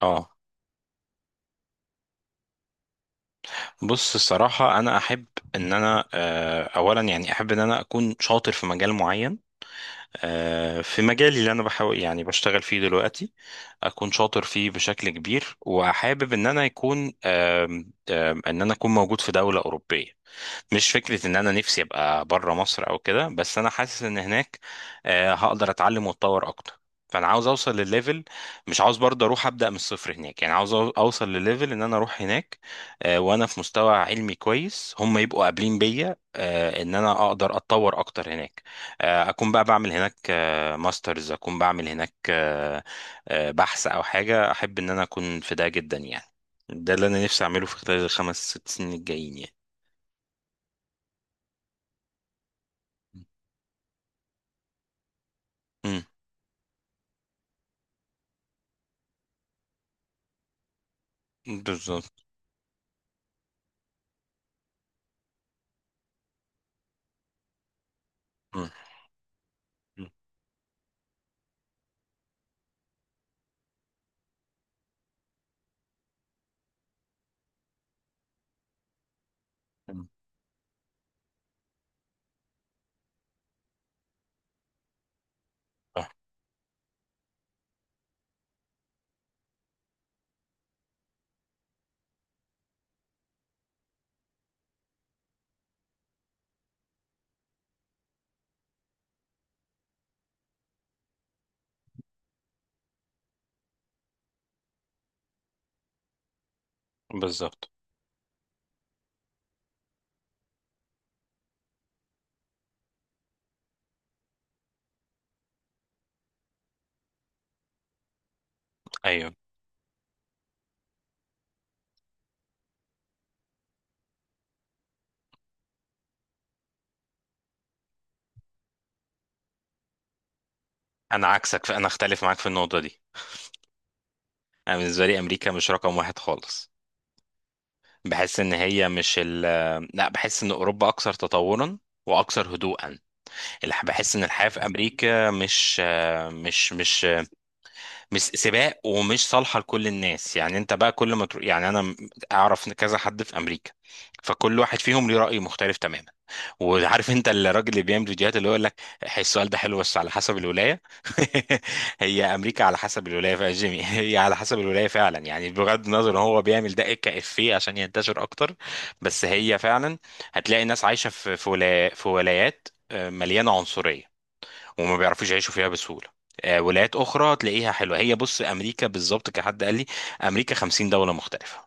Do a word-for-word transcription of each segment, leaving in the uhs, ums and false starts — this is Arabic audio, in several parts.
اه، بص الصراحة أنا أحب إن أنا آه، أولا يعني أحب إن أنا أكون شاطر في مجال معين. آه، في مجالي اللي أنا بحاول يعني بشتغل فيه دلوقتي أكون شاطر فيه بشكل كبير، وحابب إن أنا يكون آم، آم، إن أنا أكون موجود في دولة أوروبية. مش فكرة إن أنا نفسي أبقى بره مصر أو كده، بس أنا حاسس إن هناك آه، هقدر أتعلم وأتطور أكتر. فأنا عاوز أوصل للليفل، مش عاوز برضه أروح أبدأ من الصفر هناك، يعني عاوز أو- أوصل للليفل إن أنا أروح هناك آه، وأنا في مستوى علمي كويس، هم يبقوا قابلين بيا، آه، إن أنا أقدر أتطور أكتر هناك. آه، أكون بقى بعمل هناك آه، ماسترز، أكون بعمل هناك آه، آه، بحث أو حاجة. أحب إن أنا أكون في ده جدا يعني. ده اللي أنا نفسي أعمله في خلال الخمس ست سنين الجايين يعني. مم. بالظبط. مم. مم. صح. بالظبط. ايوه، انا عكسك، فانا اختلف معاك في النقطه دي. انا بالنسبه لي امريكا مش رقم واحد خالص. بحس ان هي مش ال لا، بحس ان اوروبا اكثر تطورا واكثر هدوءا. الح- بحس ان الحياه في امريكا مش مش مش مش سباق ومش صالحه لكل الناس، يعني انت بقى كل ما تروح، يعني انا م- اعرف كذا حد في امريكا، فكل واحد فيهم ليه راي مختلف تماما. وعارف انت الراجل اللي بيعمل فيديوهات، اللي هو يقول لك "هي السؤال ده حلو بس على حسب الولايه". هي امريكا على حسب الولايه فعلا، جيمي. هي على حسب الولايه فعلا، يعني بغض النظر ان هو بيعمل ده كافيه عشان ينتشر اكتر. بس هي فعلا هتلاقي الناس عايشه في في ولا- في ولايات آه، مليانه عنصريه، وما بيعرفوش يعيشوا فيها بسهولة. آه، ولايات أخرى تلاقيها حلوة. هي بص، أمريكا بالظبط كحد قال لي، أمريكا خمسين دولة مختلفة،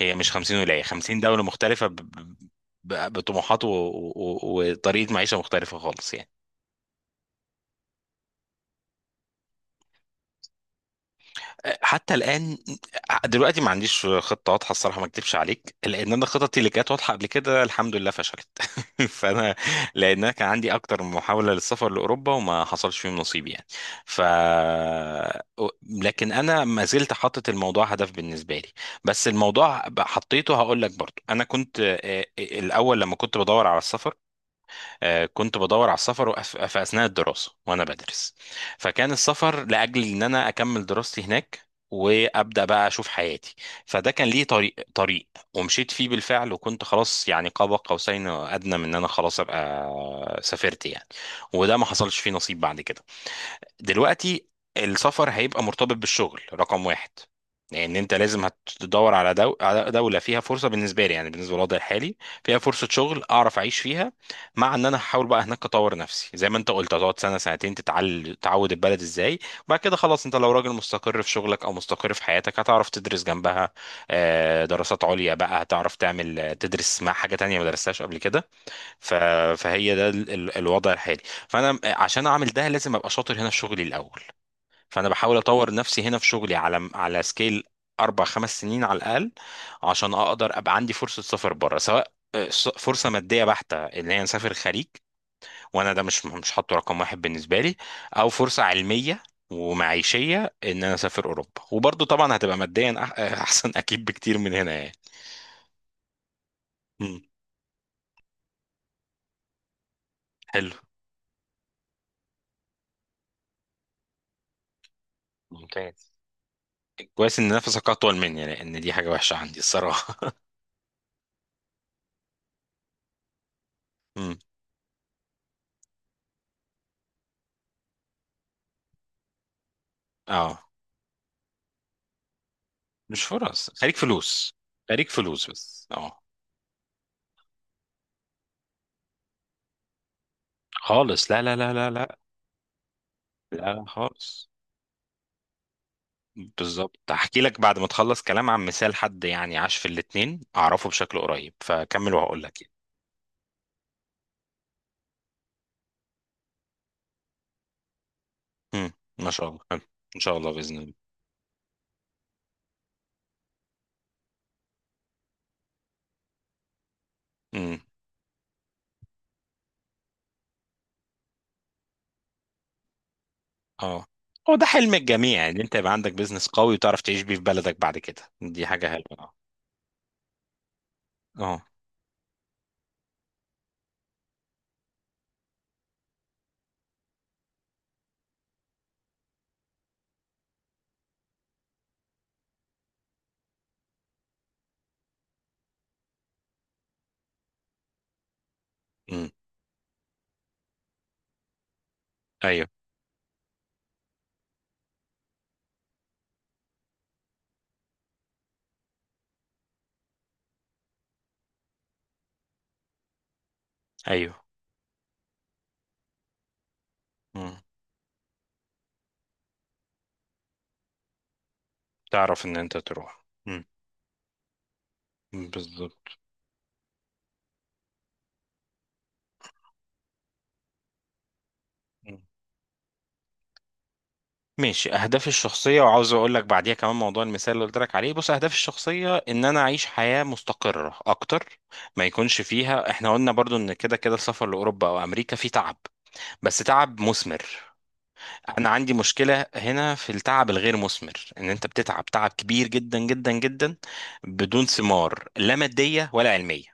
هي مش خمسين ولاية، خمسين دولة مختلفة ب- ب- ب- بطموحات و- و- و- وطريقة معيشة مختلفة خالص يعني. حتى الان دلوقتي ما عنديش خطه واضحه، الصراحه ما اكدبش عليك، لان انا خططي اللي كانت واضحه قبل كده الحمد لله فشلت. فانا لان أنا كان عندي اكتر من محاوله للسفر لاوروبا وما حصلش فيهم نصيب يعني. ف لكن انا ما زلت حاطط الموضوع هدف بالنسبه لي. بس الموضوع حطيته، هقول لك برضو، انا كنت آه، آه، الاول لما كنت بدور على السفر، آه، كنت بدور على السفر وأس- في أثناء الدراسة وأنا بدرس، فكان السفر لأجل إن أنا أكمل دراستي هناك وأبدأ بقى أشوف حياتي. فده كان ليه طريق طريق، ومشيت فيه بالفعل، وكنت خلاص يعني قاب قوسين أو أدنى من إن أنا خلاص أبقى سافرت يعني، وده ما حصلش فيه نصيب بعد كده. دلوقتي السفر هيبقى مرتبط بالشغل رقم واحد، لان انت لازم هتدور على دو... على دولة فيها فرصة، بالنسبة لي يعني بالنسبة للوضع الحالي، فيها فرصة شغل اعرف اعيش فيها. مع ان انا هحاول بقى هناك اطور نفسي، زي ما انت قلت هتقعد سنة سنتين تتعل... تعود البلد ازاي، وبعد كده خلاص انت لو راجل مستقر في شغلك او مستقر في حياتك هتعرف تدرس جنبها آه، دراسات عليا بقى، هتعرف تعمل آه، تدرس مع حاجة تانية ما درستهاش قبل كده. ف... فهي ده ال... ال- الوضع الحالي. فانا عشان اعمل ده لازم ابقى شاطر هنا في شغلي الاول، فانا بحاول اطور نفسي هنا في شغلي على على سكيل اربع خمس سنين على الاقل، عشان اقدر ابقى عندي فرصه سفر بره، سواء آه، س- فرصه ماديه بحته اللي هي نسافر خليج، وانا ده مش مش حاطه رقم واحد بالنسبه لي، او فرصه علميه ومعيشيه ان انا اسافر اوروبا، وبرضه طبعا هتبقى ماديا أح- احسن اكيد بكتير من هنا يعني. مم. حلو. ممتاز. كويس ان نفسك اطول مني، لان دي حاجه وحشه عندي الصراحه. امم. اه، مش فرص، خليك فلوس. خليك فلوس بس، اه. خالص، لا لا لا لا لا، لا لا خالص. بالظبط، هحكي لك بعد ما تخلص كلام عن مثال حد يعني عاش في الاتنين اعرفه بشكل قريب، فكمل وهقول لك يعني. امم. ما شاء الله حلو. ان شاء الله باذن الله. امم. اه، هو ده حلم الجميع ان انت يبقى عندك بيزنس قوي وتعرف تعيش بيه في بلدك بعد كده، دي حاجه حلوه، اه. اه. امم. ايوه. ايوه، تعرف ان انت تروح. مم. بالظبط. مم. ماشي، اهدافي الشخصيه، وعاوز اقول لك بعديها كمان موضوع المثال اللي قلت لك عليه. بص، اهدافي الشخصيه ان انا اعيش حياه مستقره اكتر، ما يكونش فيها، احنا قلنا برضو ان كده كده السفر لاوروبا او امريكا فيه تعب، بس تعب مثمر. انا عندي مشكله هنا في التعب الغير مثمر، ان انت بتتعب تعب كبير جدا جدا جدا بدون ثمار لا ماديه ولا علميه.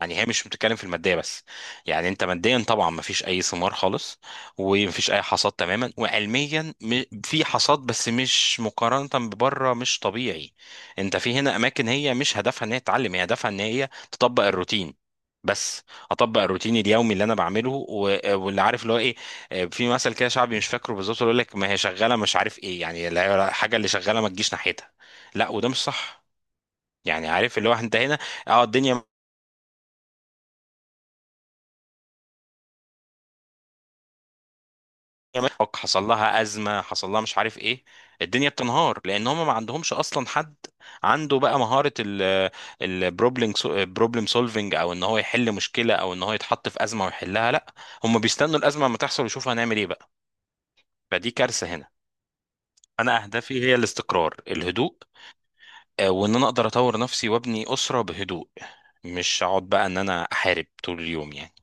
يعني هي مش بتتكلم في الماديه بس، يعني انت ماديا طبعا مفيش اي ثمار خالص ومفيش اي حصاد تماما، وعلميا م- في حصاد بس مش مقارنه ببره، مش طبيعي. انت في هنا اماكن هي مش هدفها ان هي تتعلم، هي هدفها ان هي تطبق الروتين بس. اطبق الروتين اليومي اللي انا بعمله و- واللي عارف اللي هو ايه. آه، في مثل كده شعبي مش فاكره بالظبط اللي يقول لك ما هي شغاله مش عارف ايه، يعني الحاجه اللي شغاله ما تجيش ناحيتها، لا وده مش صح. يعني عارف اللي هو انت هنا، اه، الدنيا كمان حق- حصل لها ازمه، حصل لها مش عارف ايه، الدنيا بتنهار، لان هم ما عندهمش اصلا حد عنده بقى مهاره البروبلم، بروبلم سولفنج، او ان هو يحل مشكله، او ان هو يتحط في ازمه ويحلها، لا، هم بيستنوا الازمه لما تحصل ويشوفوا هنعمل ايه بقى. فدي كارثه هنا. انا اهدافي هي الاستقرار، الهدوء، آه، وان انا اقدر اطور نفسي وابني اسره بهدوء، مش اقعد بقى ان انا احارب طول اليوم يعني.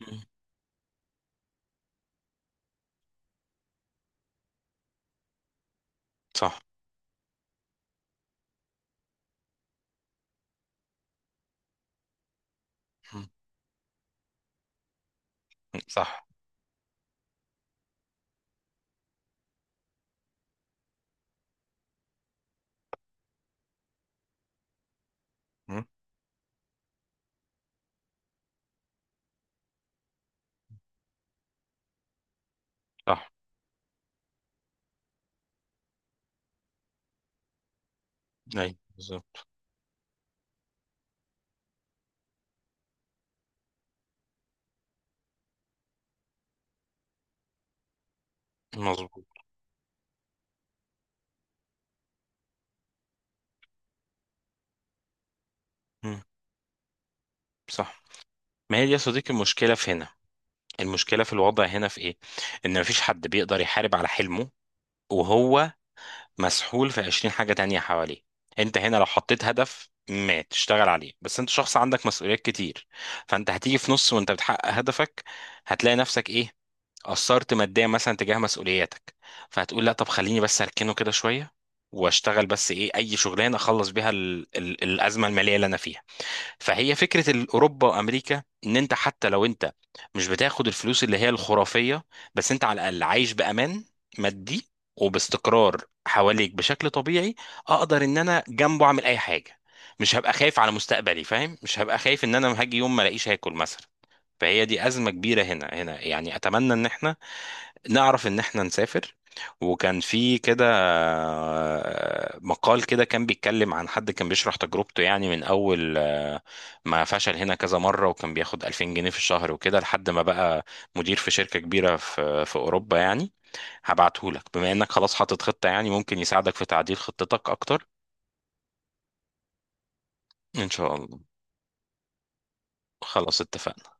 مم. صح. مم. صح. مم. صح. اي بالظبط. مظبوط. مم. صح. ما هي دي يا صديقي المشكلة في هنا. المشكلة في الوضع هنا في ايه؟ ان مفيش حد بيقدر يحارب على حلمه وهو مسحول في عشرين حاجة تانية حواليه. انت هنا لو حطيت هدف ما تشتغل عليه بس، انت شخص عندك مسؤوليات كتير، فانت هتيجي في نص وانت بتحقق هدفك، هتلاقي نفسك ايه، قصرت ماديا مثلا تجاه مسؤولياتك، فهتقول لا طب خليني بس اركنه كده شوية واشتغل بس ايه، اي شغلانة اخلص بيها ال ال الازمة المالية اللي انا فيها. فهي فكرة الأوروبا وأمريكا، إن أنت حتى لو أنت مش بتاخد الفلوس اللي هي الخرافية، بس أنت على الأقل عايش بأمان مادي وباستقرار حواليك بشكل طبيعي. أقدر إن أنا جنبه أعمل أي حاجة، مش هبقى خايف على مستقبلي، فاهم؟ مش هبقى خايف إن أنا هاجي يوم ما ألاقيش هاكل مثلا. فهي دي أزمة كبيرة هنا هنا يعني، أتمنى إن إحنا نعرف ان احنا نسافر. وكان في كده آه، مقال كده كان بيتكلم عن حد كان بيشرح تجربته، يعني من اول آه، ما فشل هنا كذا مرة، وكان بياخد ألفين جنيه في الشهر وكده لحد ما بقى مدير في شركة كبيرة في في اوروبا يعني. هبعته لك بما انك خلاص حاطط خطة، يعني ممكن يساعدك في تعديل خطتك اكتر. ان شاء الله. خلاص اتفقنا.